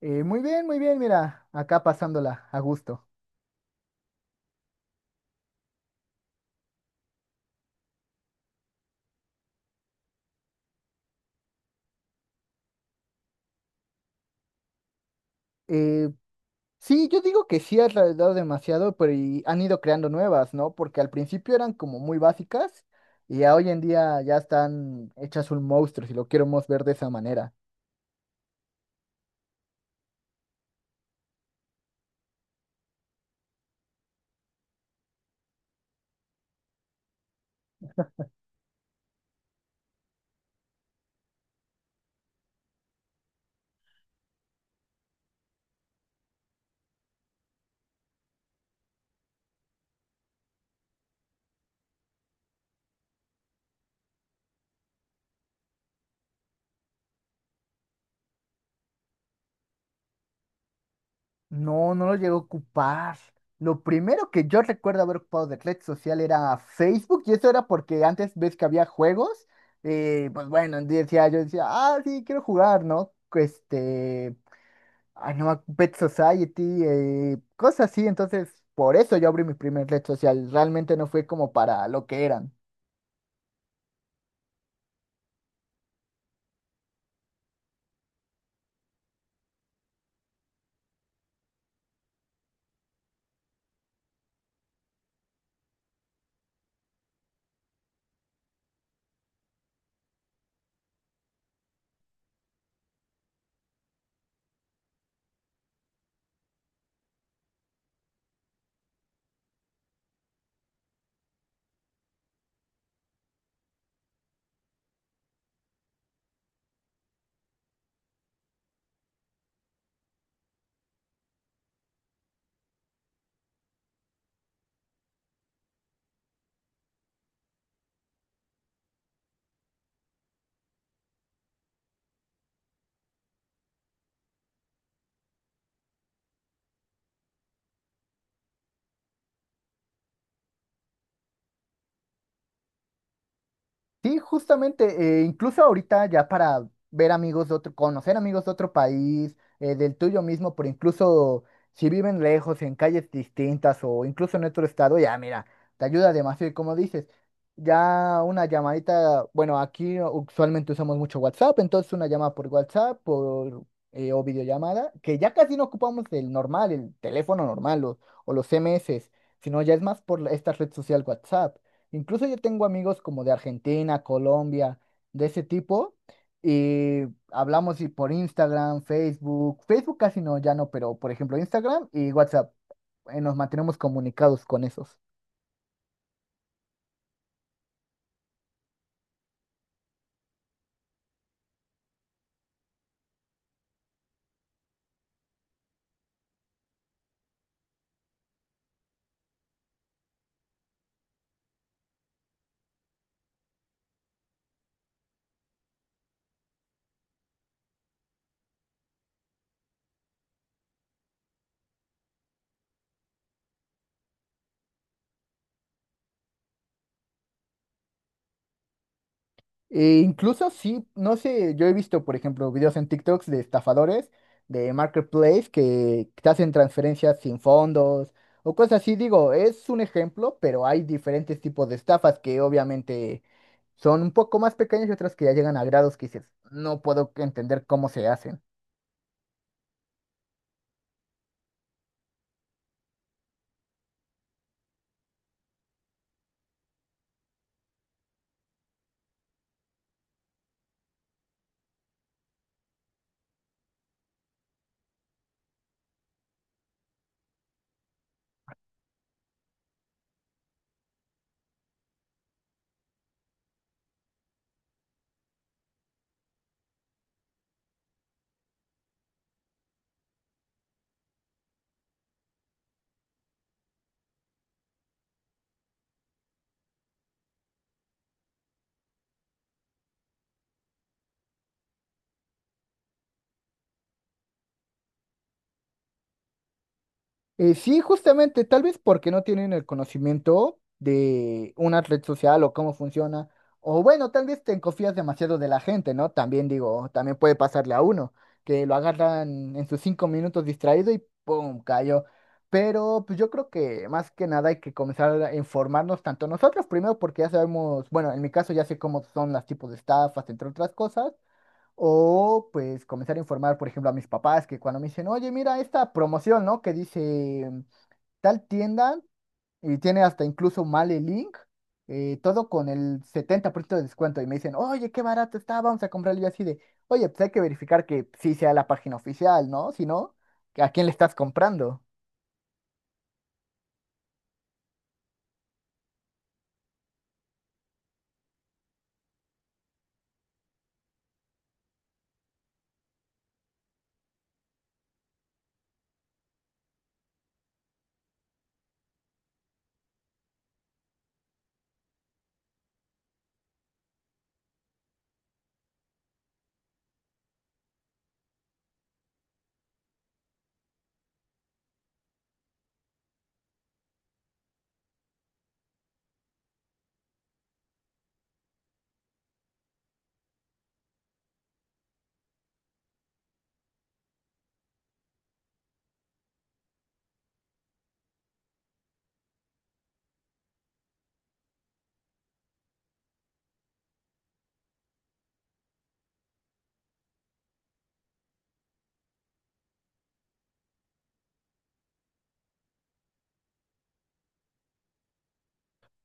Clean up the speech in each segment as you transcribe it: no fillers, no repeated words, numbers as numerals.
Muy bien, muy bien, mira, acá pasándola a gusto. Eh, sí, yo digo que sí has tardado demasiado, pero y han ido creando nuevas, ¿no? Porque al principio eran como muy básicas y ya hoy en día ya están hechas un monstruo, si lo queremos ver de esa manera. No, no lo llego a ocupar. Lo primero que yo recuerdo haber ocupado de red social era Facebook y eso era porque antes ves que había juegos, pues bueno, yo decía, ah, sí, quiero jugar, ¿no? Ay, no, Pet Society, cosas así. Entonces, por eso yo abrí mi primer red social. Realmente no fue como para lo que eran. Sí, justamente, incluso ahorita ya para ver amigos de otro, conocer amigos de otro país, del tuyo mismo, pero incluso si viven lejos, en calles distintas o incluso en otro estado, ya mira, te ayuda demasiado. Y como dices, ya una llamadita, bueno, aquí usualmente usamos mucho WhatsApp, entonces una llamada por WhatsApp o videollamada, que ya casi no ocupamos el normal, el teléfono normal o los CMS, sino ya es más esta red social WhatsApp. Incluso yo tengo amigos como de Argentina, Colombia, de ese tipo, y hablamos y por Instagram, Facebook, Facebook casi no, ya no, pero por ejemplo Instagram y WhatsApp, nos mantenemos comunicados con esos. E incluso sí, no sé, yo he visto, por ejemplo, videos en TikToks de estafadores, de Marketplace, que te hacen transferencias sin fondos o cosas así. Digo, es un ejemplo, pero hay diferentes tipos de estafas que obviamente son un poco más pequeñas y otras que ya llegan a grados que dices, no puedo entender cómo se hacen. Sí, justamente, tal vez porque no tienen el conocimiento de una red social o cómo funciona. O bueno, tal vez te confías demasiado de la gente, ¿no? También digo, también puede pasarle a uno, que lo agarran en sus cinco minutos distraído y ¡pum! Cayó. Pero pues yo creo que más que nada hay que comenzar a informarnos tanto nosotros primero porque ya sabemos, bueno, en mi caso ya sé cómo son los tipos de estafas, entre otras cosas, o pues comenzar a informar, por ejemplo, a mis papás que cuando me dicen, oye, mira esta promoción, ¿no? Que dice tal tienda y tiene hasta incluso mal el link, todo con el 70% de descuento. Y me dicen, oye, qué barato está, vamos a comprarlo. Y yo así de, oye, pues hay que verificar que sí sea la página oficial, ¿no? Si no, ¿a quién le estás comprando?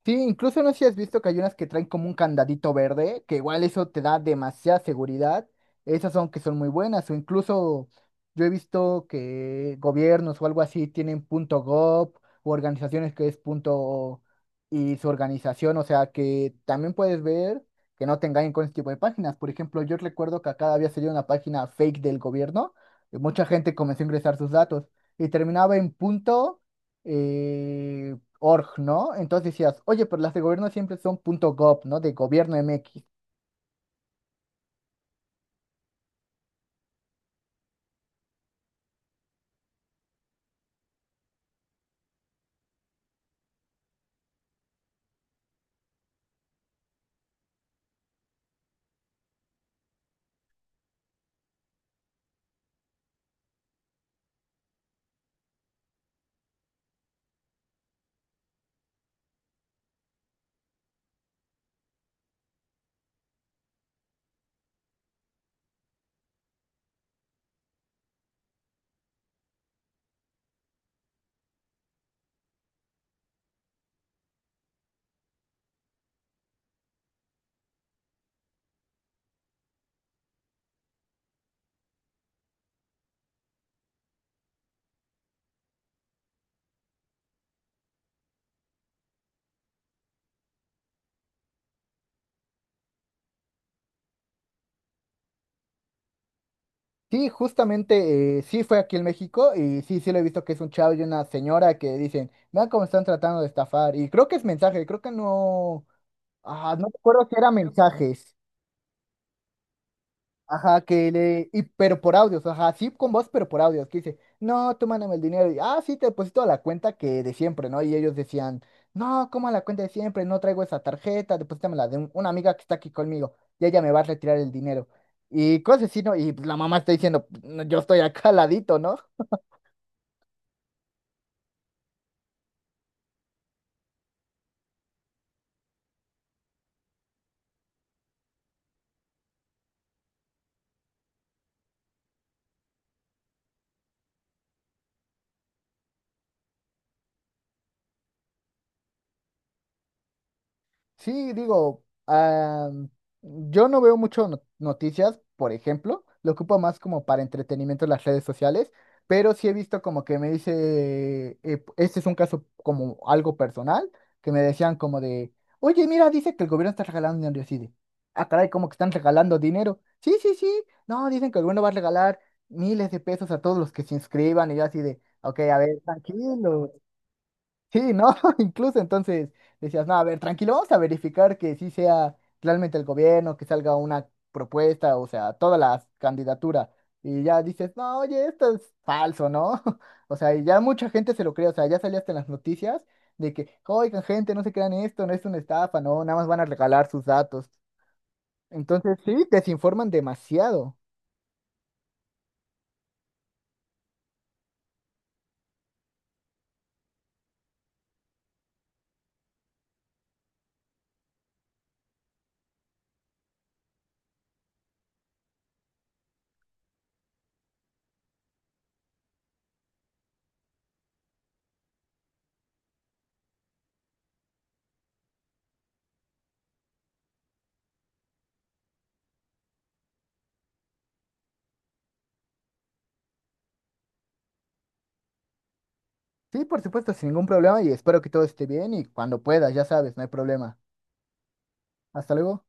Sí, incluso no sé si has visto que hay unas que traen como un candadito verde, que igual eso te da demasiada seguridad. Esas son que son muy buenas. O incluso yo he visto que gobiernos o algo así tienen punto .gov o organizaciones que es punto y su organización. O sea que también puedes ver que no te engañen con este tipo de páginas. Por ejemplo, yo recuerdo que acá había salido una página fake del gobierno y mucha gente comenzó a ingresar sus datos y terminaba en punto eh, org, ¿no? Entonces decías, oye, pero las de gobierno siempre son punto .gov, ¿no? De gobierno MX. Sí, justamente, sí fue aquí en México y sí, sí lo he visto que es un chavo y una señora que dicen, vean cómo están tratando de estafar. Y creo que es mensaje, creo que no, ah, no recuerdo si era mensajes. Ajá, que le. Y, pero por audios, ajá, sí con voz, pero por audios. Que dice, no, tú mándame el dinero. Y, ah, sí, te deposito a la cuenta que de siempre, ¿no? Y ellos decían, no, ¿cómo a la cuenta de siempre? No traigo esa tarjeta, deposítamela de una amiga que está aquí conmigo. Y ella me va a retirar el dinero. Y cosas así, ¿no? Y pues, la mamá está diciendo, "No, yo estoy acá al ladito, ¿no? Sí, digo, ah, yo no veo mucho noticias, por ejemplo, lo ocupo más como para entretenimiento en las redes sociales, pero sí he visto como que me dice, este es un caso como algo personal, que me decían como de, oye, mira, dice que el gobierno está regalando dinero, y así de, ah, caray, como que están regalando dinero. Sí, sí, sí, no, dicen que el gobierno va a regalar miles de pesos a todos los que se inscriban, y yo así de, ok, a ver, tranquilo. Sí, ¿no? Incluso entonces decías, no, a ver, tranquilo, vamos a verificar que sí sea realmente el gobierno, que salga una propuesta, o sea, todas las candidaturas. Y ya dices, no, oye, esto es falso, ¿no? O sea, y ya mucha gente se lo cree, o sea, ya salía hasta en las noticias de que, oigan, gente, no se crean esto, no es una estafa, no, nada más van a regalar sus datos. Entonces, sí, desinforman demasiado. Sí, por supuesto, sin ningún problema y espero que todo esté bien y cuando puedas, ya sabes, no hay problema. Hasta luego.